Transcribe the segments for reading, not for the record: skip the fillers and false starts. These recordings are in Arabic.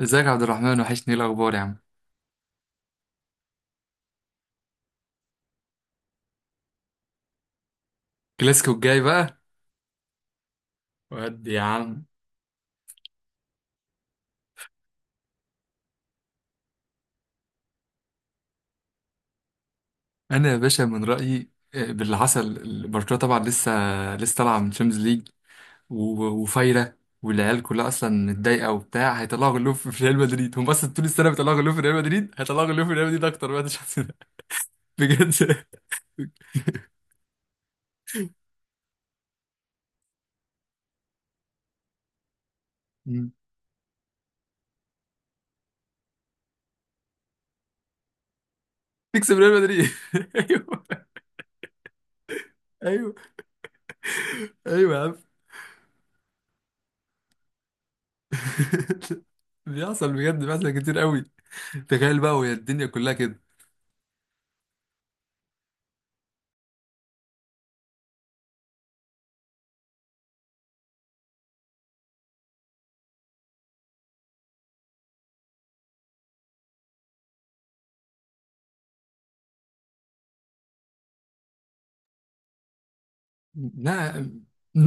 ازيك يا عبد الرحمن، وحشني. ايه الاخبار يا عم؟ كلاسيكو الجاي بقى. ودي يا عم. انا يا باشا من رايي، باللي حصل، برشلونه طبعا لسه طالعه من تشامبيونز ليج وفايره، والعيال كلها اصلا متضايقه وبتاع، هيطلعوا غلوب في ريال مدريد. هم اصلا طول السنه بيطلعوا غلوب في ريال مدريد، هيطلعوا غلوب في ريال مدريد اكتر بقى الشخص ده. بجد. مم. تكسب ريال مدريد. ايوه، ايوه، ايوه يا عم. بيحصل، بجد، بيحصل كتير قوي. تخيل بقى، وهي الدنيا كلها كده. لا.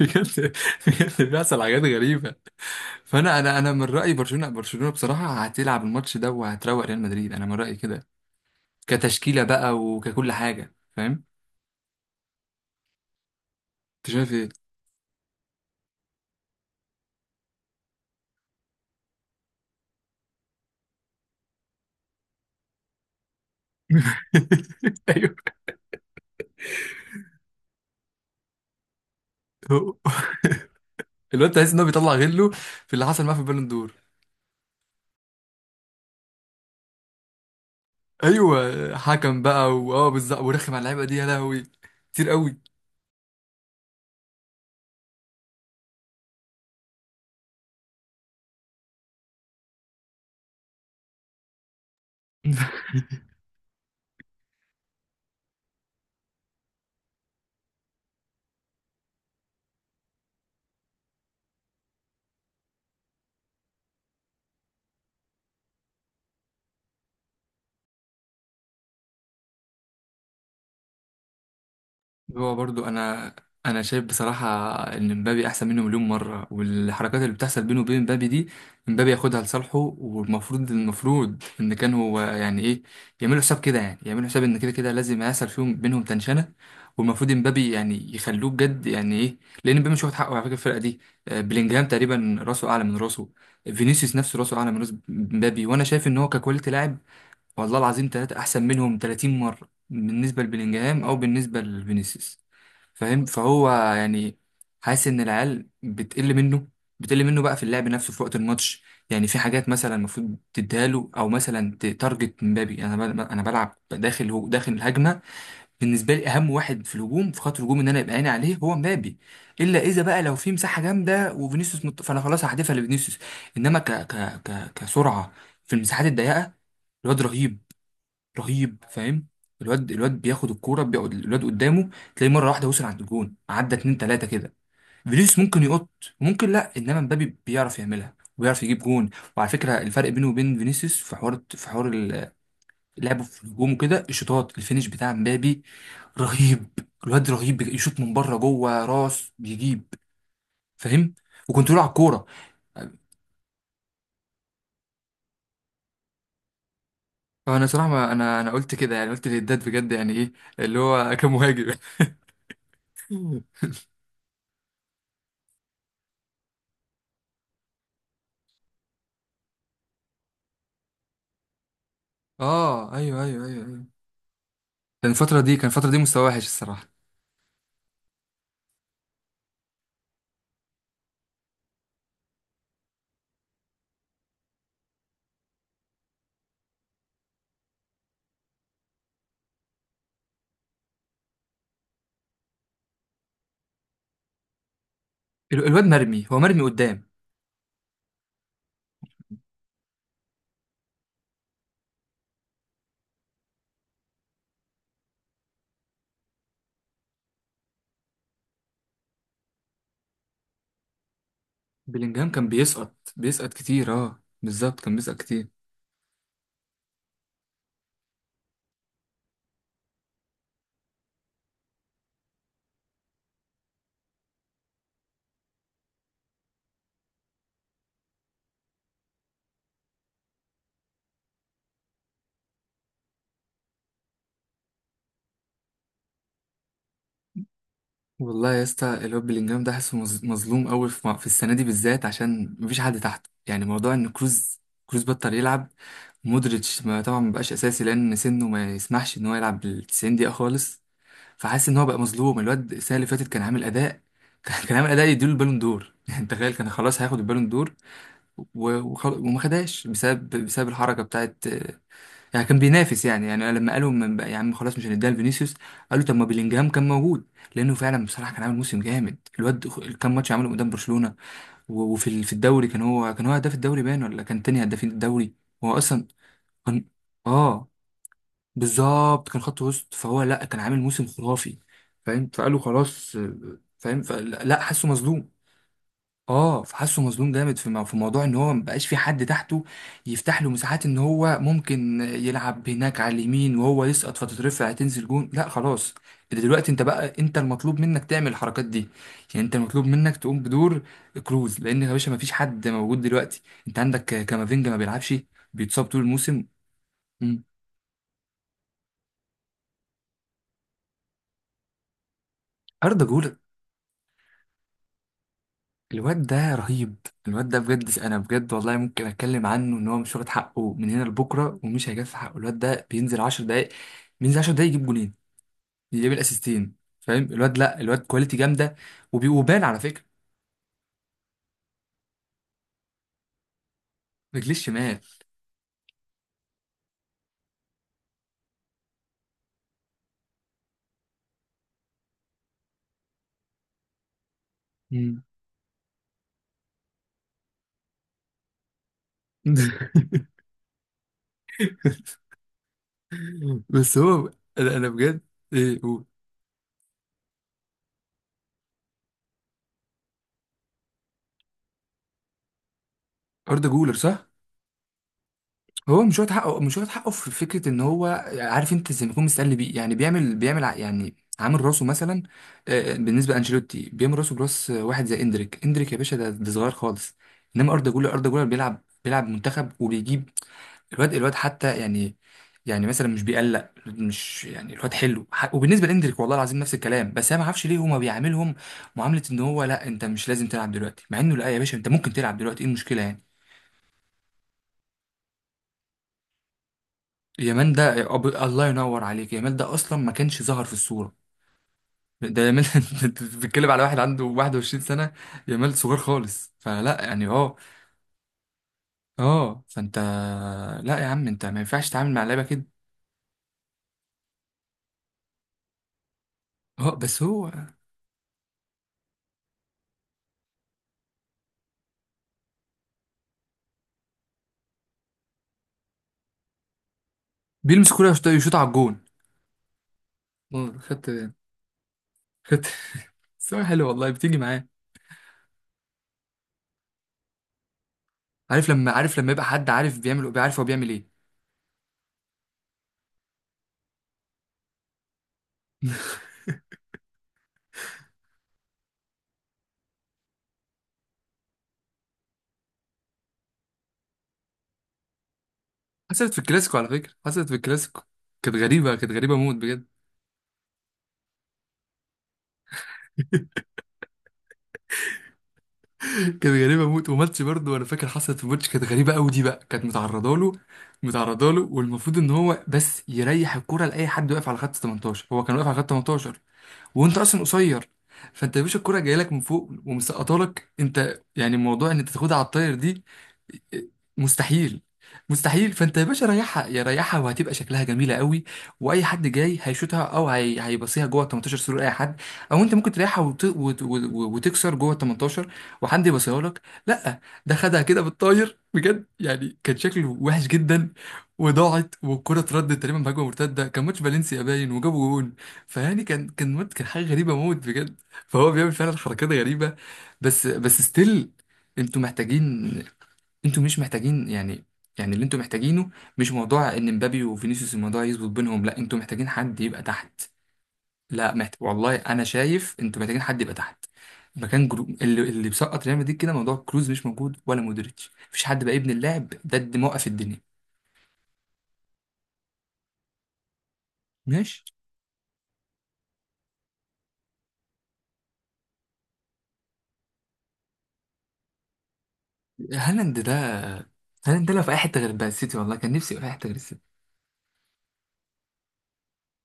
بجد بجد، بيحصل حاجات غريبة. فأنا أنا أنا من رأيي برشلونة بصراحة هتلعب الماتش ده وهتروق ريال مدريد، أنا من رأيي كده. كتشكيلة بقى وككل حاجة، فاهم؟ أنت شايف إيه؟ أيوه. هو- الواد تحس إن هو بيطلع غله في اللي حصل معاه في البالون دور. أيوه حكم بقى وأه بالظبط، ورخم على اللعيبة دي، يا لهوي كتير قوي. هو برضو، انا شايف بصراحه ان مبابي احسن منه مليون مره، والحركات اللي بتحصل بينه وبين مبابي دي مبابي ياخدها لصالحه، والمفروض ان كان هو، يعني ايه، يعملوا حساب كده. يعني يعملوا حساب ان كده كده لازم هيحصل فيهم بينهم تنشنه. والمفروض مبابي يعني يخلوه بجد، يعني ايه، لان مبابي مش واخد حقه على فكره الفرقه دي. بلينجهام تقريبا راسه اعلى من راسه، فينيسيوس نفسه راسه اعلى من راس مبابي. وانا شايف ان هو ككواليتي لاعب، والله العظيم ثلاثه احسن منهم 30 مره بالنسبه لبلينجهام او بالنسبه لفينيسيوس. فاهم؟ فهو يعني حاسس ان العيال بتقل منه، بتقل منه بقى في اللعب نفسه، في وقت الماتش. يعني في حاجات مثلا المفروض تديها له، او مثلا تارجت مبابي. انا بلعب داخل، هو داخل الهجمه. بالنسبه لي اهم واحد في الهجوم، في خط الهجوم، ان انا يبقى عيني عليه هو مبابي. الا اذا بقى لو في مساحه جامده وفينيسيوس فانا خلاص هحدفها لفينيسيوس. انما كسرعه في المساحات الضيقه، الواد رهيب، رهيب، فاهم؟ الواد بياخد الكوره، بيقعد الواد قدامه، تلاقيه مره واحده وصل عند الجون، عدى اتنين تلاته كده. فينيسيوس ممكن يقط وممكن لا. انما مبابي بيعرف يعملها وبيعرف يجيب جون. وعلى فكره الفرق بينه وبين فينيسيوس في حوار، لعبه في الهجوم وكده، الشوطات، الفينش بتاع مبابي رهيب. الواد رهيب، يشوط من بره، جوه، راس، بيجيب، فاهم، وكنترول على الكوره. انا صراحه، ما انا قلت كده، يعني قلت للداد بجد، يعني ايه، اللي هو كمهاجم. اه، ايوه، ايوه، ايوه، أيوه. كان الفترة دي مستواه وحش الصراحة. الواد مرمي، هو مرمي قدام. بلينجهام كان بيسقط كتير، اه بالظبط، كان بيسقط كتير. والله يا اسطى، الواد بلينجهام ده حاسه مظلوم قوي في في السنة دي بالذات، عشان مفيش حد تحته. يعني موضوع ان كروز بطل يلعب، مودريتش ما طبعا مبقاش اساسي لان سنه ما يسمحش ان هو يلعب ال 90 دقيقة خالص. فحاسس ان هو بقى مظلوم، الواد السنة اللي فاتت كان عامل اداء. كان عامل اداء يديله البالون دور. يعني تخيل، كان خلاص هياخد البالون دور، وما خدهاش بسبب الحركه بتاعت، يعني كان بينافس. يعني لما قالوا من بقى يا عم، خلاص مش هنديها لفينيسيوس، قالوا طب ما بيلينجهام كان موجود. لانه فعلا بصراحه كان عامل موسم جامد الواد. كام ماتش عمله قدام برشلونه. وفي في الدوري كان هو هداف الدوري باين، ولا كان تاني هدافين الدوري. هو اصلا كان، اه بالظبط كان خط وسط. فهو لا، كان عامل موسم خرافي، فاهم؟ فقالوا خلاص، فاهم؟ فلا لا، حاسه مظلوم. اه فحسه مظلوم جامد في في موضوع ان هو مبقاش في حد تحته يفتح له مساحات، ان هو ممكن يلعب هناك على اليمين، وهو يسقط فتترفع، تنزل جون. لا خلاص، ده دلوقتي انت بقى، انت المطلوب منك تعمل الحركات دي. يعني انت المطلوب منك تقوم بدور كروز، لان يا باشا مفيش حد موجود دلوقتي. انت عندك كامافينجا ما بيلعبش، بيتصاب طول الموسم. مم. اردا جولر، الواد ده رهيب. الواد ده بجد، انا بجد والله ممكن اتكلم عنه ان هو مش واخد حقه من هنا لبكره ومش هيجف حقه. الواد ده بينزل 10 دقايق، بينزل 10 دقايق يجيب جولين، يجيب الاسيستين، فاهم؟ الواد لا، الواد كواليتي جامده. وبان على فكره رجليه الشمال. مم. بس هو، أنا بجد، ايه هو اردا جولر، صح؟ هو مش واخد حقه، مش واخد حقه، في فكره ان هو، عارف انت، زي ما يكون مستقل بيه. يعني بيعمل يعني عامل راسه مثلا، بالنسبه لانشيلوتي، بيعمل راسه براس واحد زي اندريك. اندريك يا باشا ده صغير خالص. انما اردا جولر، بيلعب، منتخب وبيجيب. الواد حتى يعني، يعني مثلا مش بيقلق، مش يعني، الواد حلو وبالنسبه لاندريك والله العظيم نفس الكلام. بس انا ما اعرفش ليه هما بيعاملهم معامله ان هو، لا انت مش لازم تلعب دلوقتي، مع انه لا يا باشا، انت ممكن تلعب دلوقتي، ايه المشكله يعني؟ يامال ده الله ينور عليك، يامال ده اصلا ما كانش ظهر في الصوره، ده يامال. انت بتتكلم على واحد عنده 21 سنه، يامال صغير خالص فلا يعني. اه. اه فانت، لا يا عم، انت ما ينفعش تتعامل مع اللعيبه كده. اه بس هو بيلمس كوره يشوط، يشوط على الجون. اه خدت، خدت. بس هو حلو والله، بتيجي معاه. عارف لما، يبقى حد عارف بيعمل، بيعرف هو بيعمل ايه. حصلت في الكلاسيكو، على فكره حصلت في الكلاسيكو، كانت غريبه، موت بجد. كانت غريبه موت، وماتش برضه انا فاكر حصلت في ماتش كانت غريبه قوي دي بقى، كانت متعرضه له، متعرضه له، والمفروض ان هو بس يريح الكرة لاي حد واقف على خط 18. هو كان واقف على خط 18 وانت اصلا قصير. فانت يا باشا الكرة جايه لك من فوق ومسقطه لك انت، يعني الموضوع ان انت تاخدها على الطاير دي مستحيل. مستحيل. فانت يا باشا ريحها يا ريحها، وهتبقى شكلها جميله قوي. واي حد جاي هيشوطها او هيبصيها جوه ال 18 سرور اي حد. او انت ممكن تريحها وتكسر جوه ال 18 وحد يبصيها لك. لا، ده خدها كده بالطاير، بجد يعني كان شكله وحش جدا. وضاعت والكره اتردت تقريبا بهجمه مرتده، كان ماتش فالنسيا باين، وجابوا جون. فيعني كان، كان حاجه غريبه موت بجد. فهو بيعمل فعلا حركات غريبه. بس ستيل، انتوا محتاجين، انتوا مش محتاجين يعني، يعني اللي انتوا محتاجينه مش موضوع ان مبابي وفينيسيوس الموضوع يظبط بينهم. لا، انتوا محتاجين حد يبقى تحت. لا والله انا شايف انتوا محتاجين حد يبقى تحت. مكان اللي بيسقط ريال مدريد، كده موضوع كروز مش موجود ولا مودريتش، مفيش حد بقى ابن اللاعب ده اللي موقف الدنيا. ماشي. هالاند ده هالاند ده لو في اي حته غير بقى السيتي، والله كان نفسي يبقى في اي حته غير السيتي.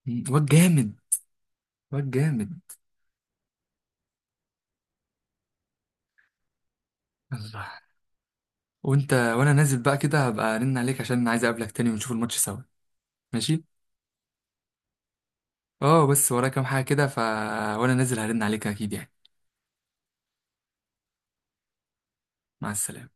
واد جامد، واد جامد. الله. وانت، وانا نازل بقى كده هبقى ارن عليك عشان عايز اقابلك تاني ونشوف الماتش سوا. ماشي. اه بس ورايا كام حاجة كده ف، وانا نازل هرن عليك اكيد يعني. مع السلامة.